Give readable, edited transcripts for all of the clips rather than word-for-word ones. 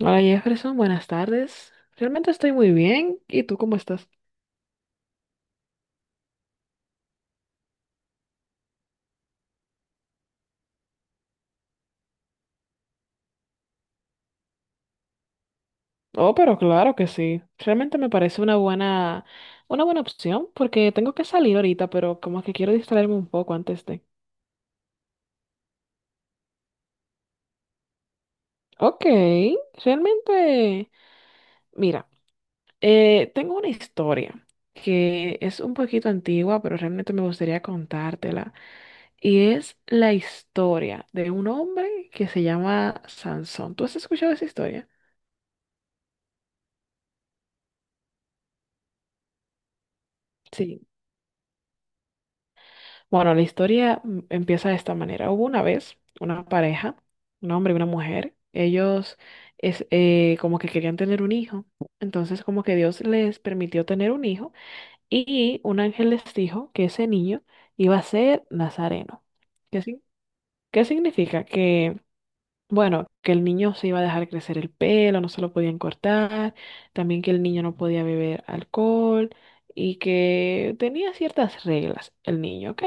Hola Jefferson, buenas tardes. Realmente estoy muy bien. ¿Y tú cómo estás? Oh, pero claro que sí. Realmente me parece una buena opción porque tengo que salir ahorita, pero como que quiero distraerme un poco antes de... Ok, realmente, mira, tengo una historia que es un poquito antigua, pero realmente me gustaría contártela. Y es la historia de un hombre que se llama Sansón. ¿Tú has escuchado esa historia? Sí. Bueno, la historia empieza de esta manera. Hubo una vez una pareja, un hombre y una mujer. Ellos como que querían tener un hijo. Entonces como que Dios les permitió tener un hijo y un ángel les dijo que ese niño iba a ser Nazareno. ¿Qué, sin- Qué significa? Que, bueno, que el niño se iba a dejar crecer el pelo, no se lo podían cortar, también que el niño no podía beber alcohol y que tenía ciertas reglas el niño, ¿ok?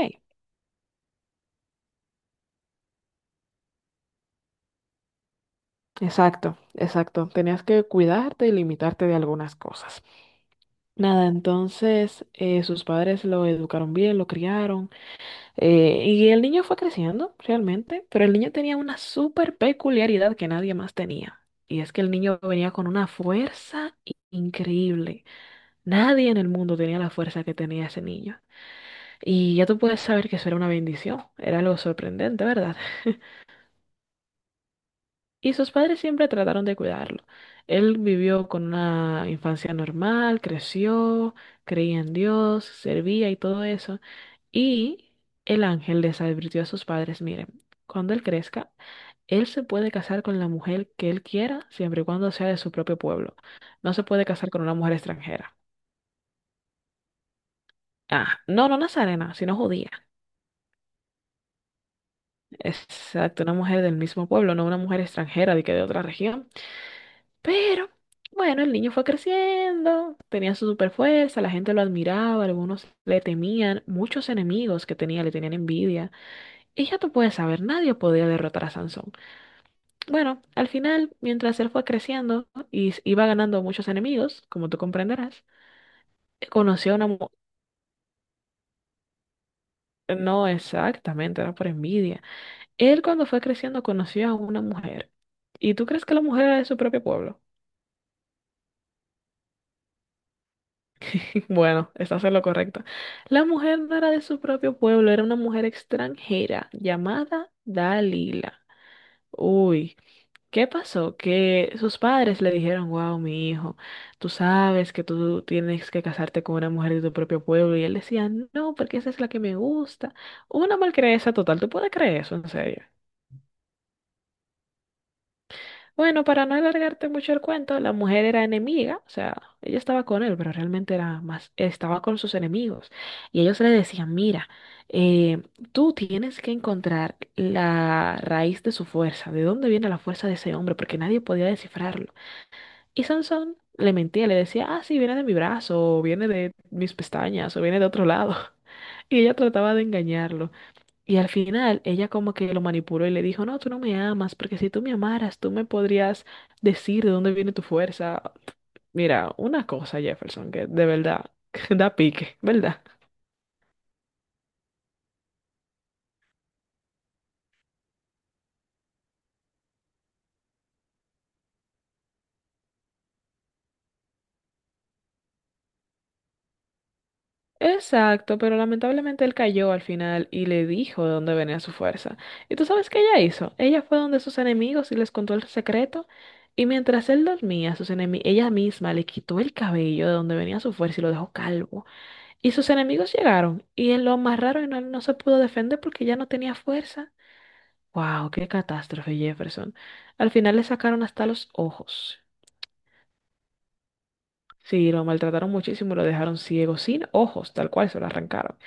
Exacto, exacto. Tenías que cuidarte y limitarte de algunas cosas. Nada, entonces sus padres lo educaron bien, lo criaron y el niño fue creciendo realmente, pero el niño tenía una súper peculiaridad que nadie más tenía. Y es que el niño venía con una increíble. Nadie en el mundo tenía la fuerza que tenía ese niño. Y ya tú puedes saber que eso era una bendición. Era algo sorprendente, ¿verdad? Y sus padres siempre trataron de cuidarlo. Él vivió con una infancia normal, creció, creía en Dios, servía y todo eso. Y el ángel les advirtió a sus padres, miren, cuando él crezca, él se puede casar con la mujer que él quiera, siempre y cuando sea de su propio pueblo. No se puede casar con una mujer extranjera. Ah, no, no nazarena, sino judía. Exacto, una mujer del mismo pueblo, no una mujer extranjera de que de otra región. Pero, bueno, el niño fue creciendo, tenía su super fuerza, la gente lo admiraba, algunos le temían, muchos enemigos que tenía le tenían envidia. Y ya tú puedes saber, nadie podía derrotar a Sansón. Bueno, al final, mientras él fue creciendo y iba ganando muchos enemigos, como tú comprenderás, conoció a una mujer. No exactamente, era por envidia. Él cuando fue creciendo conoció a una mujer. ¿Y tú crees que la mujer era de su propio pueblo? Bueno, estás en lo correcto. La mujer no era de su propio pueblo, era una mujer extranjera llamada Dalila. Uy, ¿qué pasó? Que sus padres le dijeron, wow, mi hijo, tú sabes que tú tienes que casarte con una mujer de tu propio pueblo. Y él decía, no, porque esa es la que me gusta. Una malcrianza total, ¿tú puedes creer eso en serio? Bueno, para no alargarte mucho el cuento, la mujer era enemiga, o sea, ella estaba con él, pero realmente era más, estaba con sus enemigos. Y ellos le decían, mira, eh, tú tienes que encontrar la raíz de su fuerza, de dónde viene la fuerza de ese hombre, porque nadie podía descifrarlo. Y Sansón le mentía, le decía, ah, sí, viene de mi brazo, o viene de mis pestañas, o viene de otro lado. Y ella trataba de engañarlo. Y al final ella como que lo manipuló y le dijo, no, tú no me amas, porque si tú me amaras, tú me podrías decir de dónde viene tu fuerza. Mira, una cosa, Jefferson, que de verdad da pique, ¿verdad? Exacto, pero lamentablemente él cayó al final y le dijo de dónde venía su fuerza. ¿Y tú sabes qué ella hizo? Ella fue donde sus enemigos y les contó el secreto. Y mientras él dormía, ella misma le quitó el cabello de donde venía su fuerza y lo dejó calvo. Y sus enemigos llegaron y él lo amarraron y no, no se pudo defender porque ya no tenía fuerza. ¡Wow! ¡Qué catástrofe, Jefferson! Al final le sacaron hasta los ojos. Sí, lo maltrataron muchísimo, lo dejaron ciego, sin ojos, tal cual se lo arrancaron.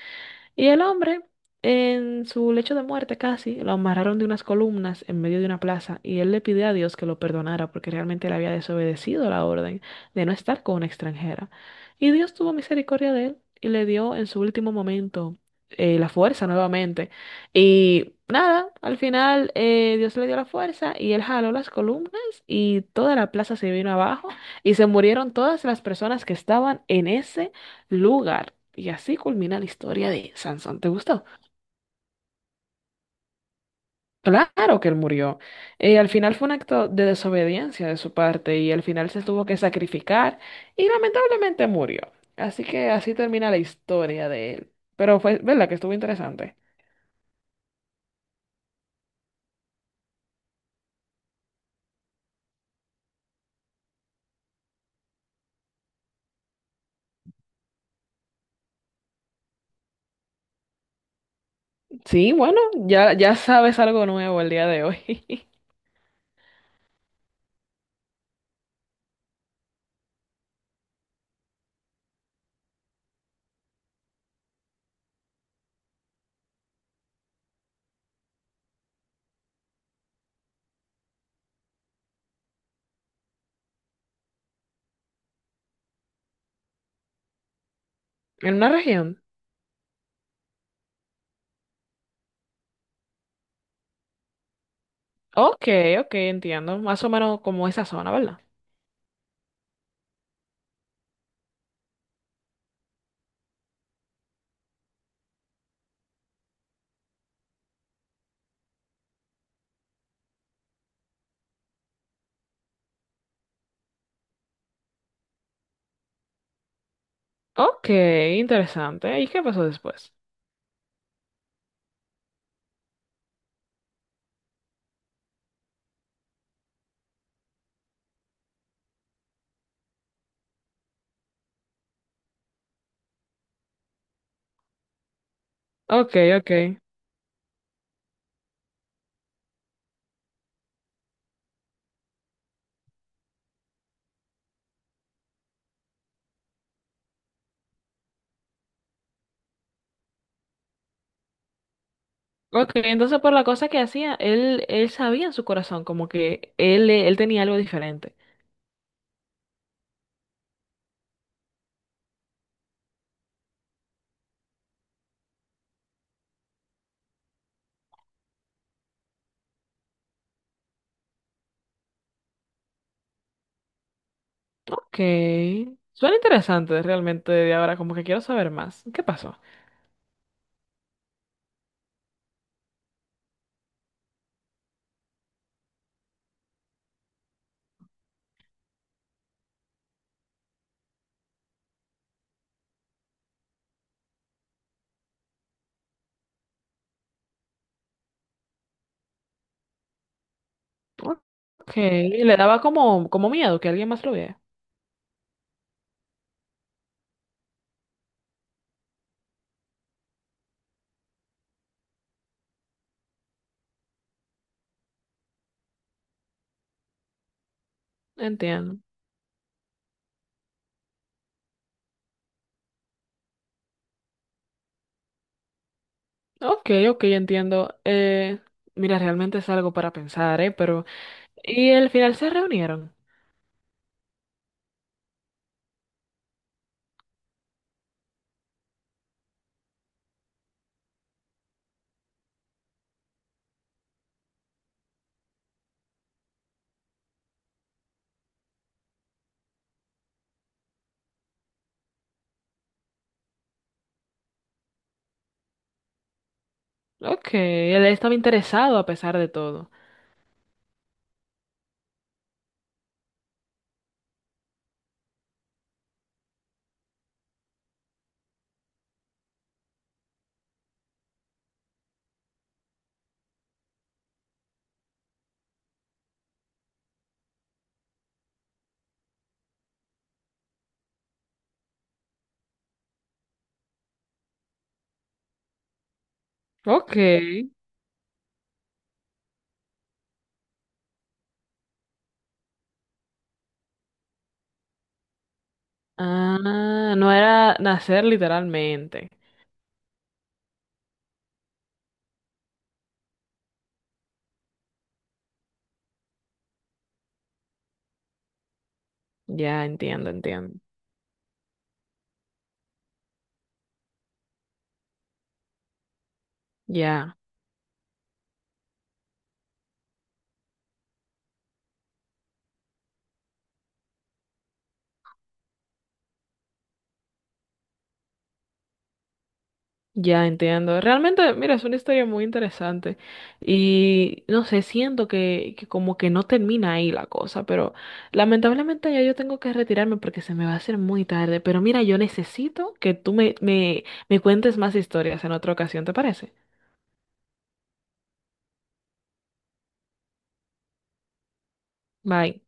Y el hombre, en su lecho de muerte casi, lo amarraron de unas columnas en medio de una plaza y él le pidió a Dios que lo perdonara porque realmente él había desobedecido la orden de no estar con una extranjera. Y Dios tuvo misericordia de él y le dio en su último momento la fuerza nuevamente. Y nada, al final Dios le dio la fuerza y él jaló las columnas y toda la plaza se vino abajo y se murieron todas las personas que estaban en ese lugar. Y así culmina la historia de Sansón. ¿Te gustó? Claro que él murió. Al final fue un acto de desobediencia de su parte y al final se tuvo que sacrificar y lamentablemente murió. Así que así termina la historia de él. Pero fue, ¿verdad? Que estuvo interesante. Sí, bueno, ya sabes algo nuevo el día de hoy. En una región. Ok, ok, entiendo. Más o menos como esa zona, ¿verdad? Ok, interesante. ¿Y qué pasó después? Ok, ok. Ok, entonces por la cosa que hacía, él sabía en su corazón como que él tenía algo diferente. Ok. Suena interesante realmente de ahora, como que quiero saber más. ¿Qué pasó? Ok, le daba como, como miedo que alguien más lo viera. Entiendo. Ok, ok, entiendo. Mira, realmente es algo para pensar, ¿eh? Pero... ¿Y al final se reunieron? Ok, él estaba interesado a pesar de todo. Ok. Ah, no era nacer literalmente. Ya entiendo, entiendo. Ya, ya entiendo. Realmente, mira, es una historia muy interesante. Y no sé, siento que como que no termina ahí la cosa, pero lamentablemente ya yo tengo que retirarme porque se me va a hacer muy tarde. Pero mira, yo necesito que tú me cuentes más historias en otra ocasión, ¿te parece? Bye.